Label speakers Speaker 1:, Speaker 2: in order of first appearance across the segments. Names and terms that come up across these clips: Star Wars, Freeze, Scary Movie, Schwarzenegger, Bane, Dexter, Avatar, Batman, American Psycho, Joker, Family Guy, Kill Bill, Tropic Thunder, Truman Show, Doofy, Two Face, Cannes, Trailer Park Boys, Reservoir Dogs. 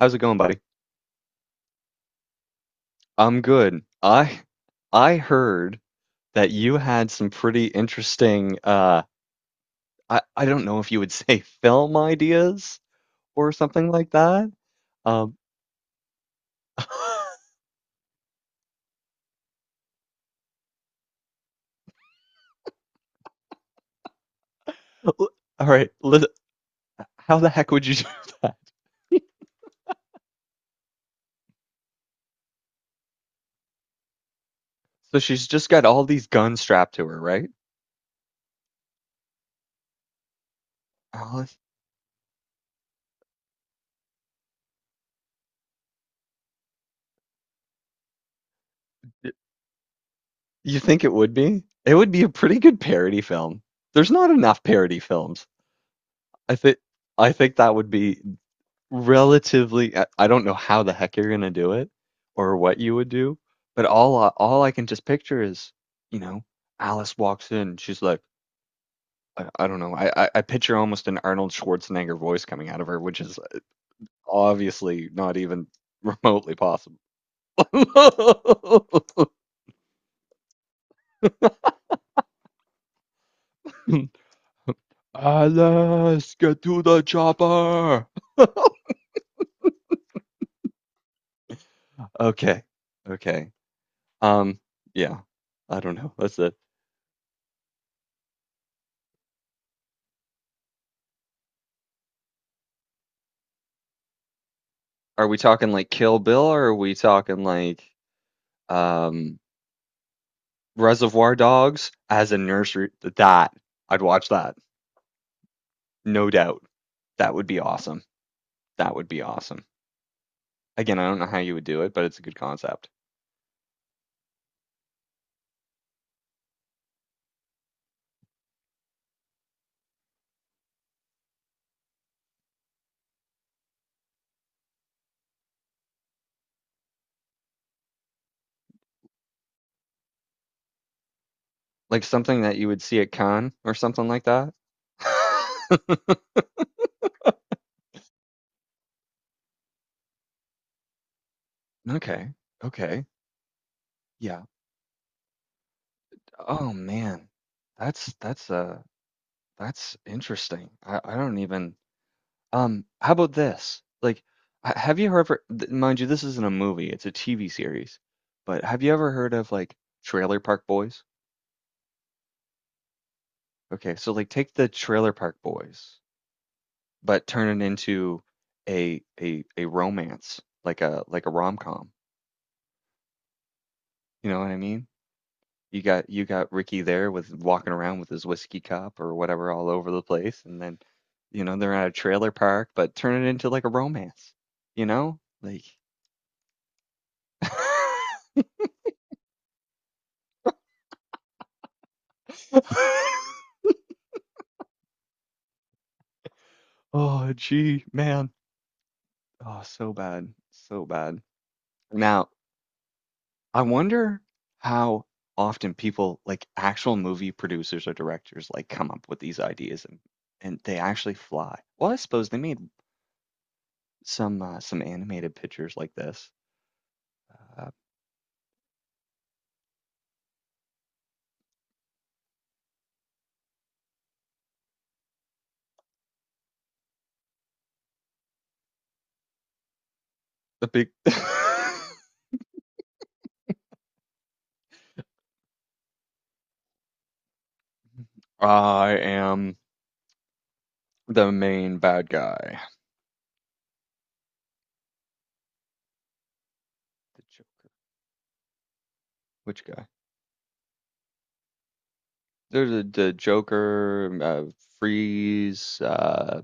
Speaker 1: How's it going, buddy? I'm good. I heard that you had some pretty interesting I don't know if you would say film ideas or something like that. Um all right, how the heck would you do that? So she's just got all these guns strapped to her, right? Oh, you think it would be? It would be a pretty good parody film. There's not enough parody films. I think I think that would be relatively I don't know how the heck you're gonna do it or what you would do, but all I can just picture is, you know, Alice walks in, she's like, I don't know, I picture almost an Arnold Schwarzenegger voice coming out of her, which is obviously not even remotely possible. Alice, get to the chopper. Okay, okay. Um, yeah, I don't know. That's it. Are we talking like Kill Bill, or are we talking like? um, Reservoir Dogs as a nursery. That I'd watch that, no doubt. That would be awesome. That would be awesome. Again, I don't know how you would do it, but it's a good concept. Like something that you would see at Cannes or something like that. Okay. Okay. Yeah. Oh man. That's that's interesting. I don't even how about this? Like, ha have you ever th mind you, this isn't a movie, it's a TV series. But have you ever heard of, like, Trailer Park Boys? Okay, so, like, take the Trailer Park Boys, but turn it into a romance, like a rom-com. You know what I mean? You got Ricky there with walking around with his whiskey cup or whatever all over the place, and then, you know, they're at a trailer park, but turn it into like a romance, you know? Like Oh, gee, man. Oh, so bad. So bad. Now, I wonder how often people, like actual movie producers or directors, like come up with these ideas and they actually fly. Well, I suppose they made some animated pictures like this. Uh, the big I am the main bad guy. The Joker. Which guy? The Joker, Freeze,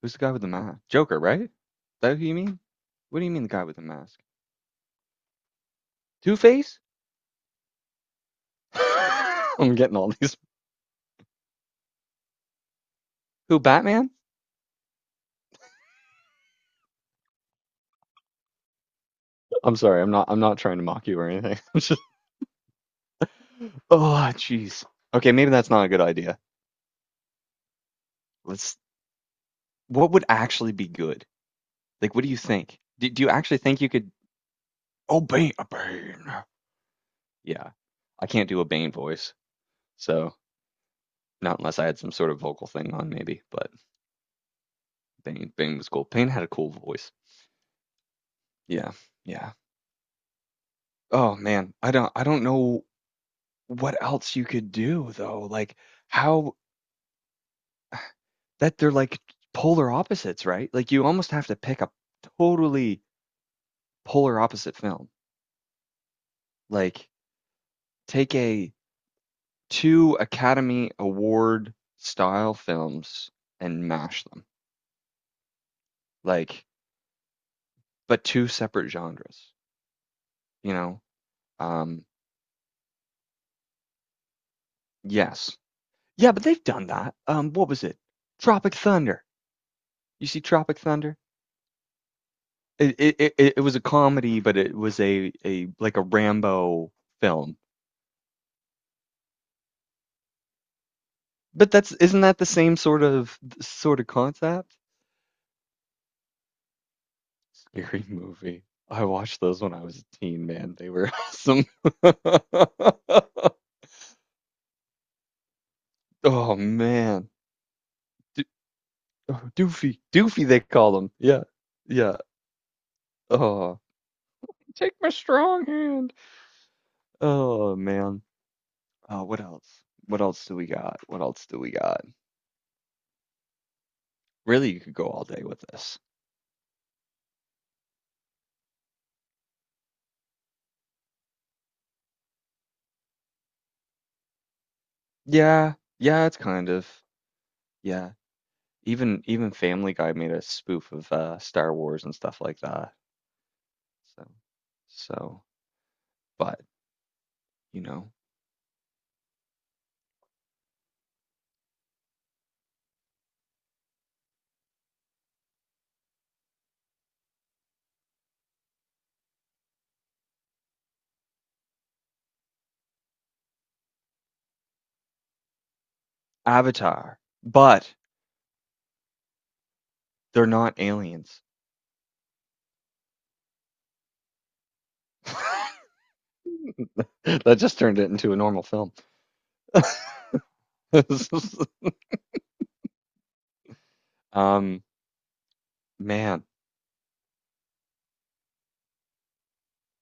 Speaker 1: Who's the guy with the mask? Joker, right? Is that who you mean? What do you mean the guy with the mask? Two Face? I'm getting all these. Who? Batman? I'm sorry. I'm not trying to mock you or anything. I'm just. Oh, jeez. Okay, maybe that's not a good idea. Let's. What would actually be good? Like, what do you think? Do you actually think you could? Oh, Bane. Yeah, I can't do a Bane voice, so not unless I had some sort of vocal thing on, maybe. But Bane was cool. Bane had a cool voice. Yeah, yeah. Oh man, I don't know what else you could do though. Like how that they're like polar opposites, right? Like you almost have to pick a totally polar opposite film. Like take a two Academy Award style films and mash them. Like but two separate genres, you know? Um yes. Yeah, but they've done that. What was it? Tropic Thunder. You see Tropic Thunder? It was a comedy, but it was a like a Rambo film. But that's isn't that the same sort of concept? Scary movie. I watched those when I was a teen, man. They were awesome. Oh man. Do oh, Doofy. Doofy they call him. Yeah. Yeah. Oh. Take my strong hand. Oh man. Oh, what else? What else do we got? What else do we got? Really, you could go all day with this. Yeah, yeah, it's kind of. Yeah. Even Family Guy made a spoof of Star Wars and stuff like that. So so but, you know, Avatar. But they're not aliens. That just turned it into a normal film. Um, man,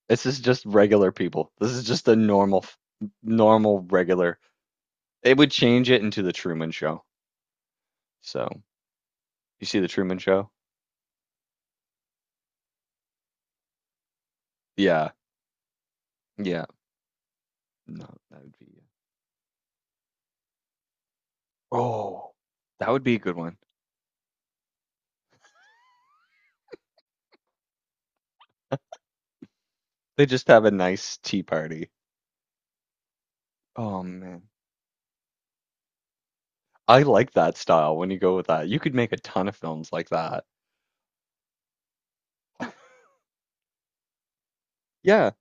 Speaker 1: this is just regular people. This is just a normal regular. It would change it into the Truman Show. So, you see the Truman Show? Yeah. Yeah. No, that would be Oh, that would be a good one. They just have a nice tea party. Oh man. I like that style when you go with that. You could make a ton of films like that. yeah.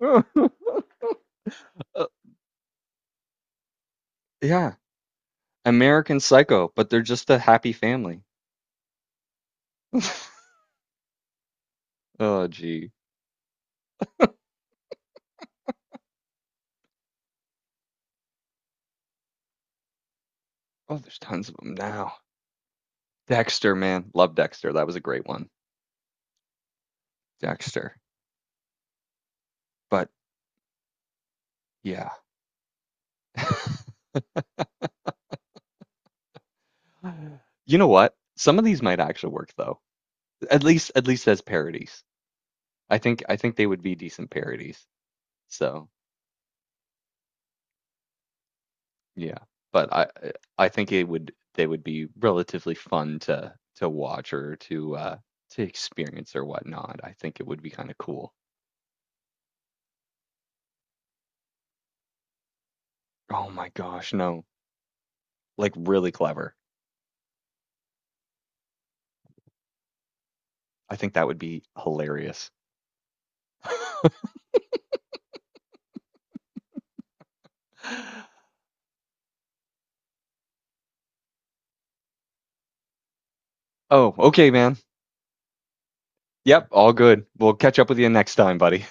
Speaker 1: Uh, yeah. American Psycho, but they're just a happy family. oh, gee. Oh, there's tons of them now. Dexter, man. Love Dexter. That was a great one. Dexter. But yeah. you know what? Some of these might actually work though. At least as parodies. I think they would be decent parodies. So yeah, but I think it would they would be relatively fun to watch or to experience or whatnot. I think it would be kind of cool. Oh my gosh, no, like really clever. I think that would be hilarious. oh, okay, man. Yep, all good. We'll catch up with you next time, buddy.